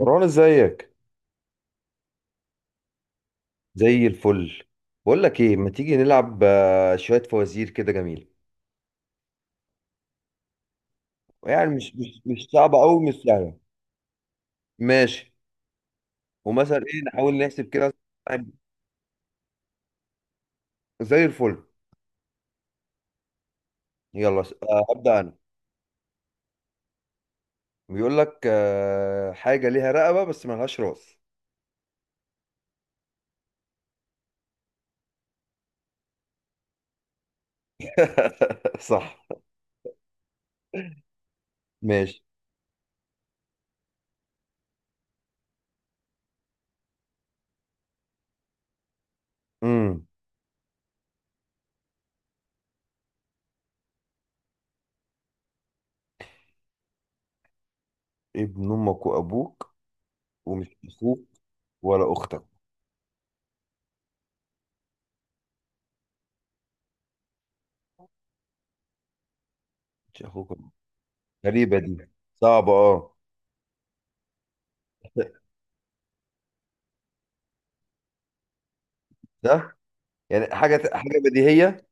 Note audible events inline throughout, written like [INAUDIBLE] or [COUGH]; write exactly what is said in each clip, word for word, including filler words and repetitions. مروان ازيك؟ زي الفل. بقول لك ايه، ما تيجي نلعب آه، شويه فوازير كده جميله؟ يعني مش مش مش صعبه قوي، مش سهله. ماشي. ومثلا ايه، نحاول نحسب كده. زي الفل. يلا س- آه، ابدا انا. بيقول لك آه، حاجه ليها رقبه بس ملهاش راس. [LAUGHS] صح. ماشي. امم. ابن امك وابوك ومش اخوك ولا اختك. مش اخوك ولا أختك. غريبه دي. صعبه اه. ده يعني حاجه حاجه بديهيه.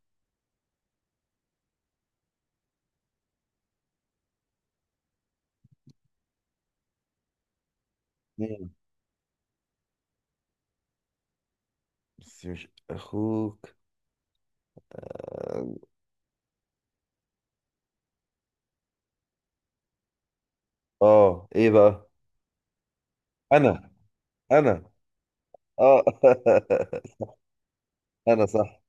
بس مش اخوك. اه ايه بقى؟ انا. انا. اه. [LAUGHS] انا صح.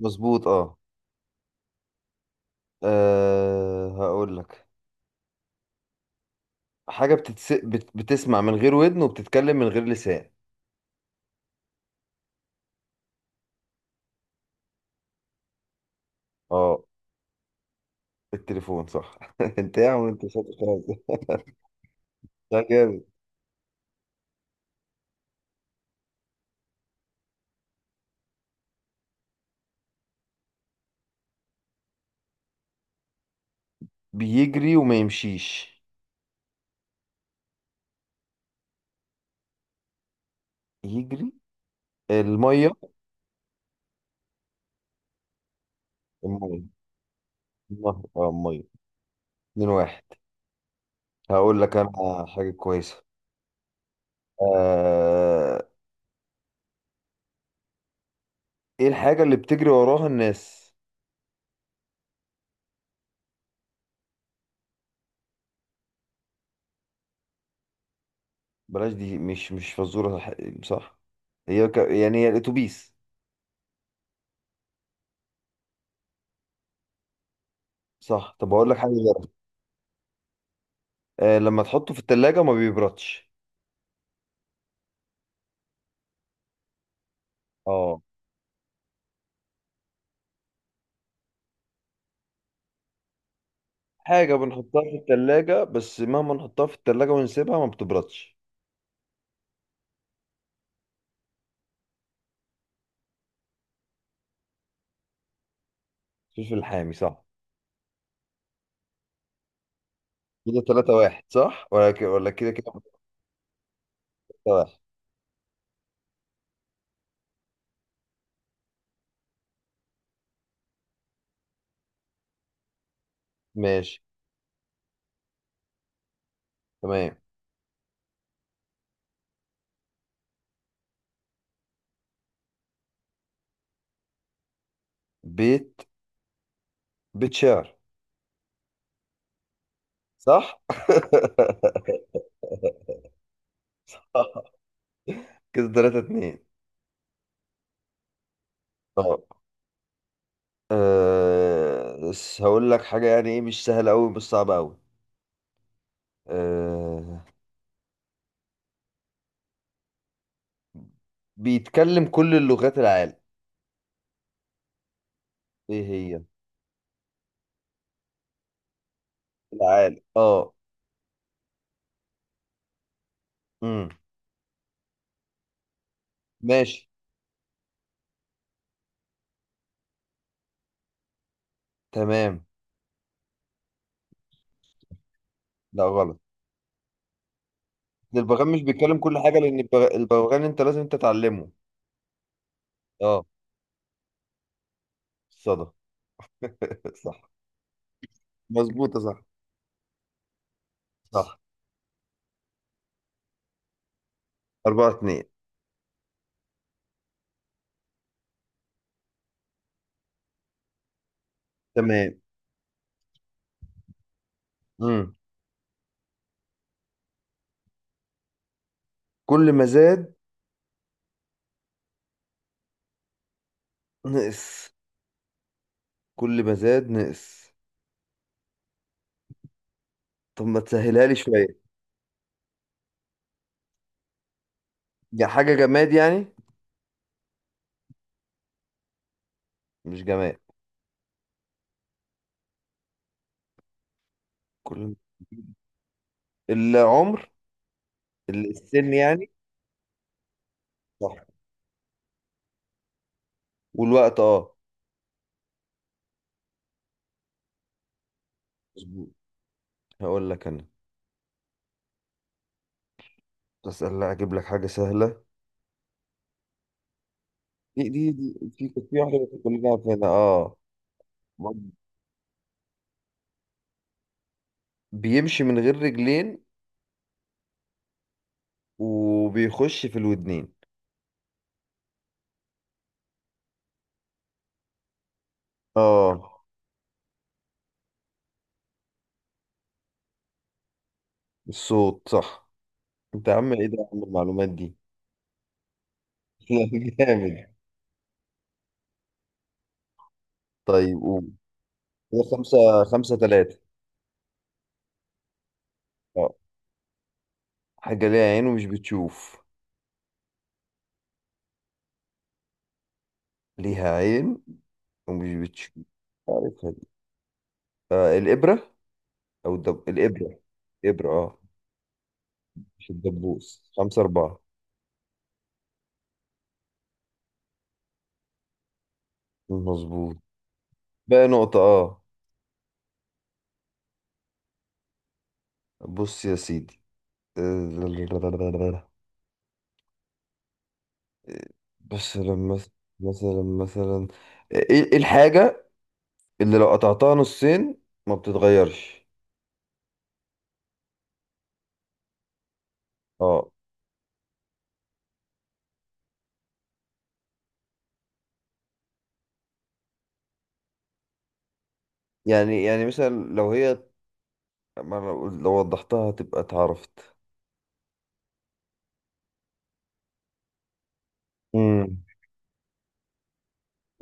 مظبوط اه. آه هقول لك حاجة. بتتس... بت... بتسمع من غير ودن وبتتكلم من غير لسان. اه. التليفون صح. [LAUGHS] انت يا عم، انت شاطر خالص. ده جامد. بيجري وما يمشيش. يجري. المية. المية النهر، اه المية. اتنين واحد. هقول لك انا حاجة كويسة. آه... ايه الحاجة اللي بتجري وراها الناس؟ بلاش دي، مش مش فزورة صح. صح. هي ك... يعني هي الأتوبيس. صح، طب أقول لك حاجة غيرها. آه، لما تحطه في التلاجة ما بيبردش. اه، حاجة بنحطها في التلاجة بس مهما نحطها في التلاجة ونسيبها ما بتبردش. الفلفل الحامي صح. كده تلاتة واحد صح ولا ك... ولا كده كده. تلاتة واحد. ماشي. تمام. بيت. بيت شعر. صح. [LAUGHS] كده تلاتة اتنين. طب آه... بس هقول لك حاجة يعني ايه، مش سهلة أوي مش صعبة أوي. آه. بيتكلم كل اللغات العالم. ايه هي؟ العالم اه. امم. ماشي. تمام. لا غلط. البغبغان مش بيتكلم كل حاجة لأن البغ- البغبغان أنت لازم تتعلمه. اه. الصدى. [LAUGHS] صح. مظبوطة صح. صح. أربعة اتنين. تمام. امم. كل ما زاد نقص. كل ما زاد نقص. طب ما تسهلها لي شوية. يا حاجة جماد يعني؟ مش جماد. كل. العمر. السن يعني. صح، والوقت اه. مظبوط. هقول لك انا، بس لا اجيب لك حاجه سهله. دي دي, دي في، كانت في واحده بس كلنا عارفينها اه. بيمشي من غير رجلين وبيخش في الودنين. اه. الصوت صح. انت يا عم، ايه ده يا عم المعلومات دي. [LAUGHS] جامد. طيب قوم. هي خمسة. خمسة تلاتة اه. حاجة ليها عين ومش بتشوف. ليها عين ومش بتشوف. عارفها دي. آه الإبرة. أو الدب... الإبرة. إبرة اه. مش الدبوس. خمسة أربعة. مظبوط. بقى نقطة اه. بص يا سيدي. آه، بس لما، مثلا مثلا، ايه، إيه الحاجة اللي لو قطعتها نصين ما بتتغيرش؟ اه. يعني يعني مثلا لو هي، ما لو لو وضحتها هتبقى اتعرفت. امم.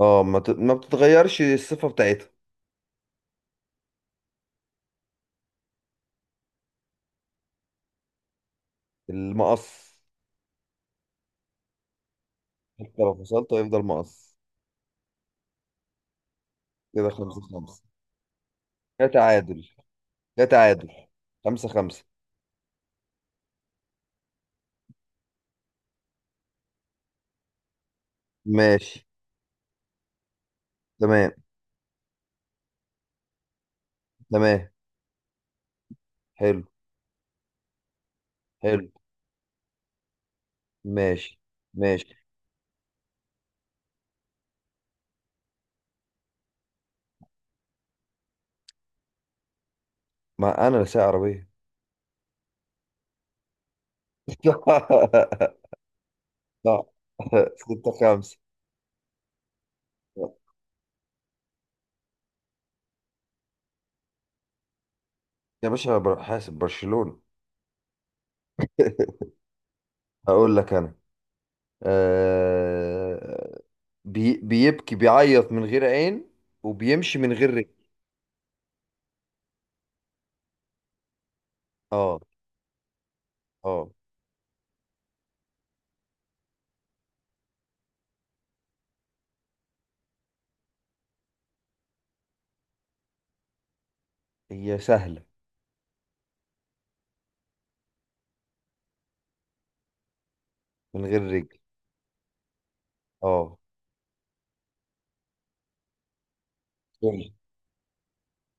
اه ما ت- ما بتتغيرش الصفة بتاعتها. المقص. حتى لو فصلته هيفضل مقص. كده خمسة خمسة. ده تعادل. ده تعادل. خمسة خمسة. ماشي. تمام. تمام. حلو. حلو. ماشي. ماشي، ما انا اللي سايق عربيه. [LAUGHS] لا. ستة خمسة. يا باشا، بر- حاسب برشلونة. هقول لك انا. آه، بي بيبكي بيعيط من غير عين وبيمشي من غير رجل. اه. اه، هي سهلة. من غير رجل. اه. سوري.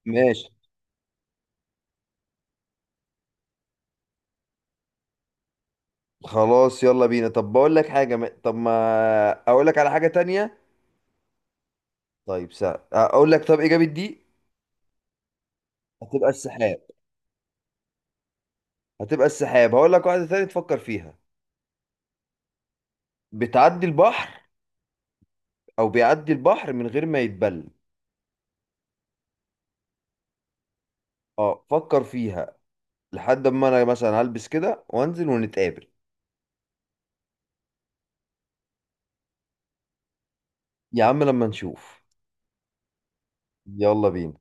ماشي. خلاص يلا بينا، طب بقول لك حاجة ما... طب ما اقول لك على حاجة تانية. طيب سهل اقول لك، طب اجابة دي هتبقى السحاب. هتبقى السحاب. هقول لك واحدة تانية تفكر فيها. بتعدي البحر، او بيعدي البحر من غير ما يتبل. اه، فكر فيها لحد ما انا مثلا هلبس كده وانزل ونتقابل. يا عم لما نشوف. يلا بينا.